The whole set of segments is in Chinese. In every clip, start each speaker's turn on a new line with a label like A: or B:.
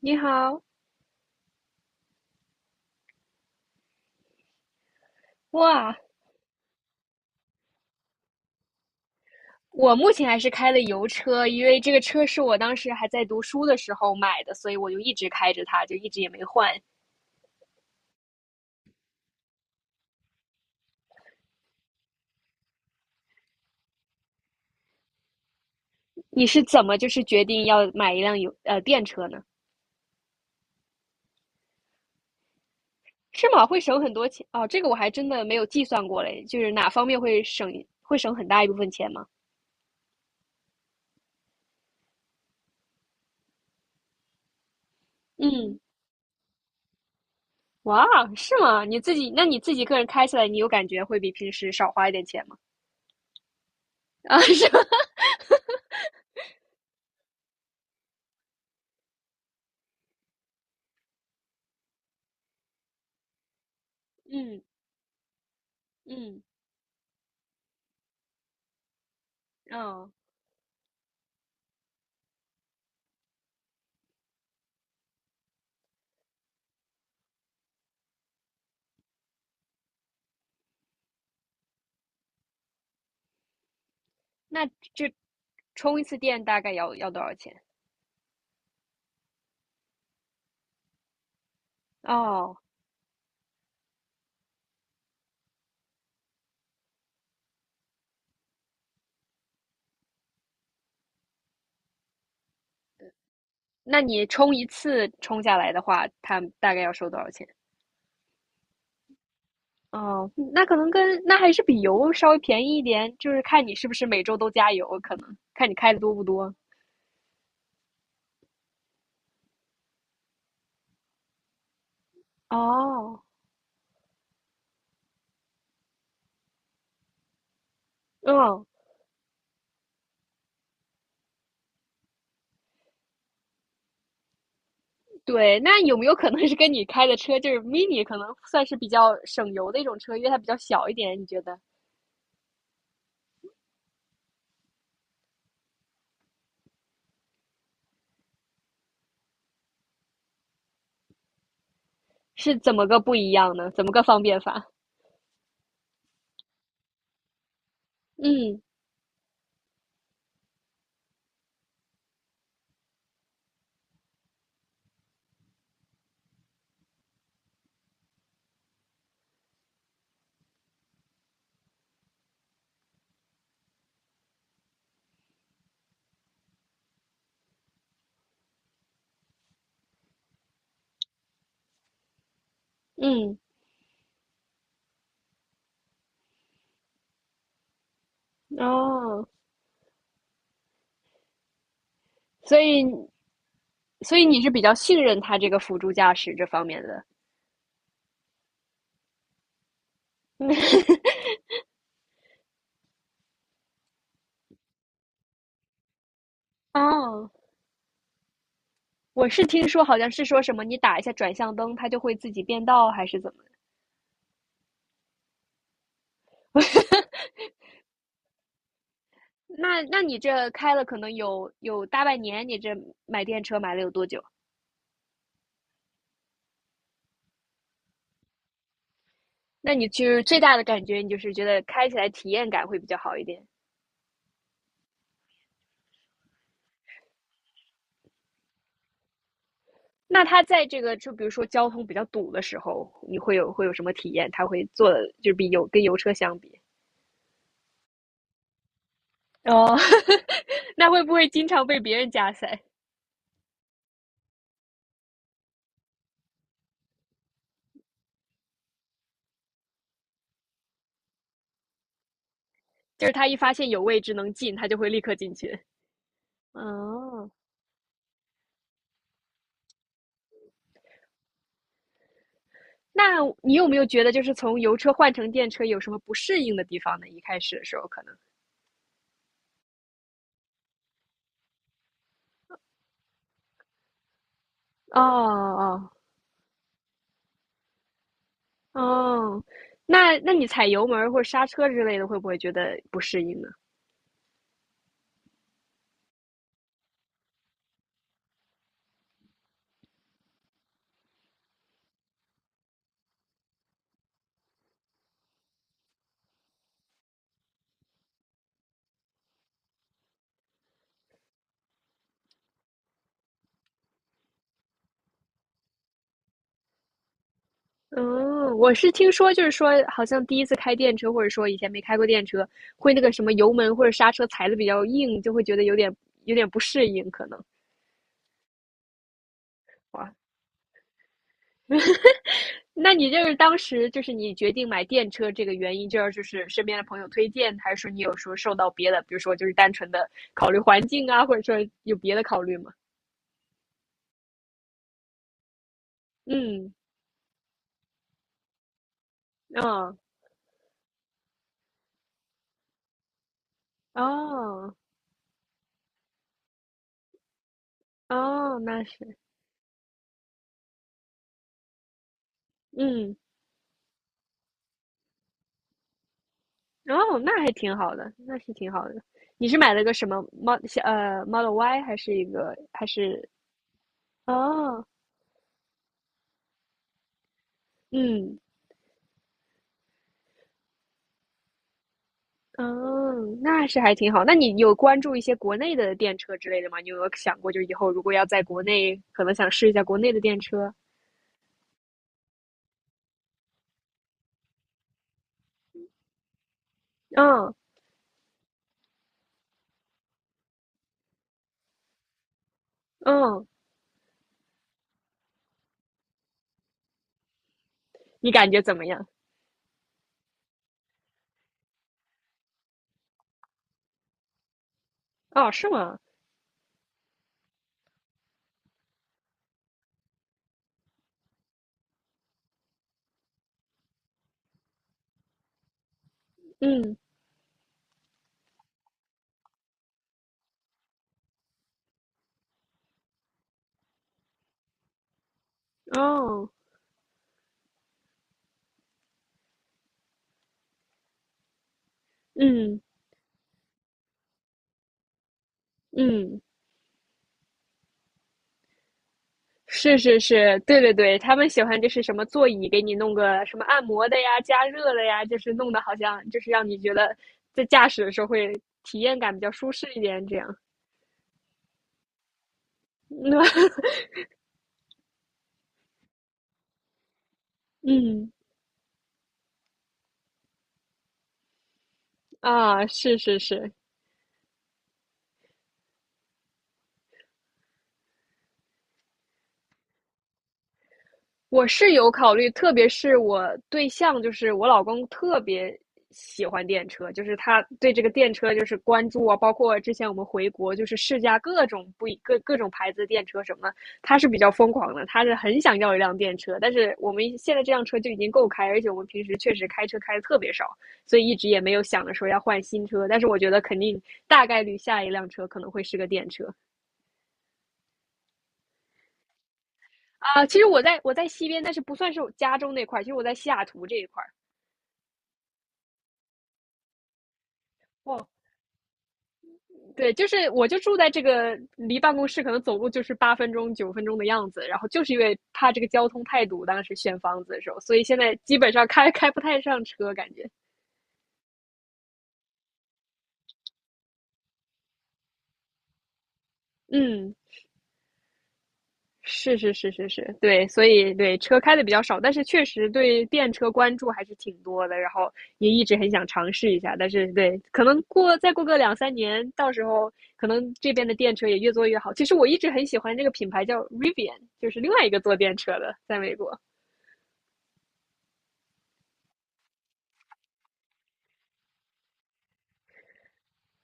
A: 你好。哇，我目前还是开的油车，因为这个车是我当时还在读书的时候买的，所以我就一直开着它，就一直也没换。你是怎么决定要买一辆电车呢？是吗？会省很多钱哦，这个我还真的没有计算过嘞，就是哪方面会省会省很大一部分钱吗？嗯。哇，是吗？你自己那你自己个人开起来，你有感觉会比平时少花一点钱吗？啊，是吗？嗯嗯，嗯。那这充一次电大概要多少钱？哦，那你充一次充下来的话，它大概要收多少钱？哦，那可能跟那还是比油稍微便宜一点，就是看你是不是每周都加油，可能看你开的多不多。哦，嗯，对，那有没有可能是跟你开的车就是 mini,可能算是比较省油的一种车，因为它比较小一点，你觉得是怎么个不一样呢？怎么个方便法？嗯嗯，哦，所以所以你是比较信任他这个辅助驾驶这方面的。哦，oh, 我是听说好像是说什么你打一下转向灯，它就会自己变道，还是怎么 那你这开了可能有大半年，你这买电车买了有多久？那你就是最大的感觉，你就是觉得开起来体验感会比较好一点。那它在这个就比如说交通比较堵的时候，你会有什么体验？它会做的就是比油跟油车相比。哦，oh, 那会不会经常被别人加塞？就是他一发现有位置能进，他就会立刻进去。哦，那你有没有觉得就是从油车换成电车有什么不适应的地方呢？一开始的时候可能。哦哦哦，那那你踩油门儿或者刹车之类的，会不会觉得不适应呢？嗯，我是听说，就是说，好像第一次开电车，或者说以前没开过电车，会那个什么油门或者刹车踩的比较硬，就会觉得有点不适应，可能。哇，那你就是当时你决定买电车这个原因，就是身边的朋友推荐，还是说你有时候受到别的，比如说就是单纯的考虑环境啊，或者说有别的考虑吗？嗯，哦哦，哦，那是，嗯，哦，那还挺好的，那是挺好的。你是买了个什么 Mod e l Model Y 还是一个还是哦，嗯。嗯，那是还挺好。那你有关注一些国内的电车之类的吗？你有没有想过，就以后如果要在国内，可能想试一下国内的电车？嗯嗯，你感觉怎么样？哦，是吗？嗯，哦，嗯嗯，是是是，对对对，他们喜欢就是什么座椅给你弄个什么按摩的呀、加热的呀，就是弄的好像就是让你觉得在驾驶的时候会体验感比较舒适一点，这样。嗯啊，是是是，我是有考虑，特别是我对象，就是我老公，特别喜欢电车，就是他对这个电车就是关注啊，包括之前我们回国，就是试驾各种不一各各种牌子的电车什么的，他是比较疯狂的，他是很想要一辆电车，但是我们现在这辆车就已经够开，而且我们平时确实开车开的特别少，所以一直也没有想着说要换新车，但是我觉得肯定大概率下一辆车可能会是个电车。啊、其实我在西边，但是不算是我家中那块儿，其实我在西雅图这一块儿。对，就是我就住在这个离办公室可能走路就是8分钟、9分钟的样子，然后就是因为怕这个交通太堵，当时选房子的时候，所以现在基本上开不太上车，感觉。嗯，是，对，所以对车开的比较少，但是确实对电车关注还是挺多的，然后也一直很想尝试一下，但是对，可能过个2、3年，到时候可能这边的电车也越做越好。其实我一直很喜欢这个品牌叫 Rivian,就是另外一个做电车的，在美国。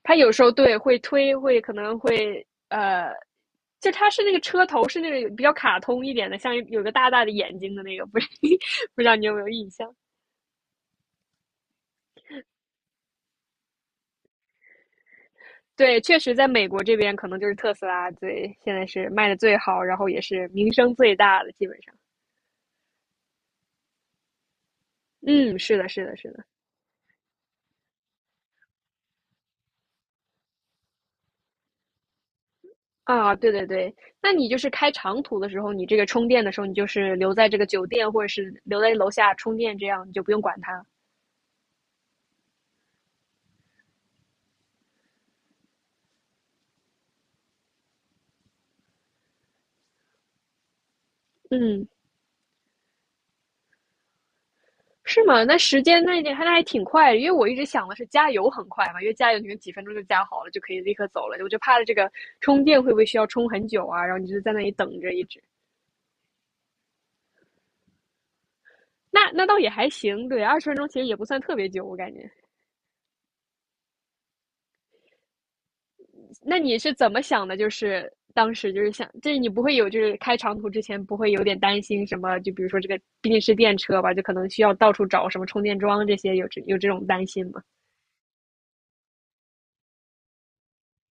A: 它有时候对会推，可能会呃，就它是那个车头是那种比较卡通一点的，像有个大大的眼睛的那个，不 是不知道你有没有印象？对，确实在美国这边可能就是特斯拉最现在是卖的最好，然后也是名声最大的，基本上。嗯，是的，是的，是的。啊，对对对，那你就是开长途的时候，你这个充电的时候，你就是留在这个酒店或者是留在楼下充电，这样你就不用管它。嗯，是吗？那时间那那还那还挺快，因为我一直想的是加油很快嘛，因为加油你们几分钟就加好了，就可以立刻走了。我就怕了这个充电会不会需要充很久啊？然后你就在那里等着一直。那那倒也还行，对，20分钟其实也不算特别久，我感觉。那你是怎么想的？就是当时就是想，就是你不会有就是开长途之前不会有点担心什么？就比如说这个毕竟是电车吧，就可能需要到处找什么充电桩这些，有这种担心吗？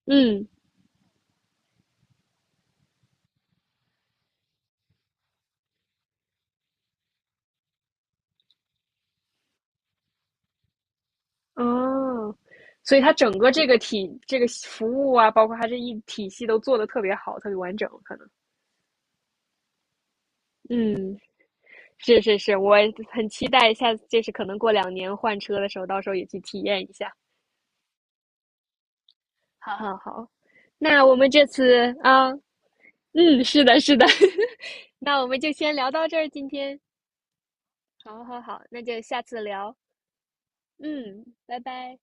A: 嗯哦，所以它整个这个这个服务啊，包括它这一体系都做的特别好，特别完整，可能。嗯，是是是，我很期待下次，就是可能过2年换车的时候，到时候也去体验一下。好好好，那我们这次啊，嗯，是的，是的，那我们就先聊到这儿，今天。好好好，那就下次聊。嗯，拜拜。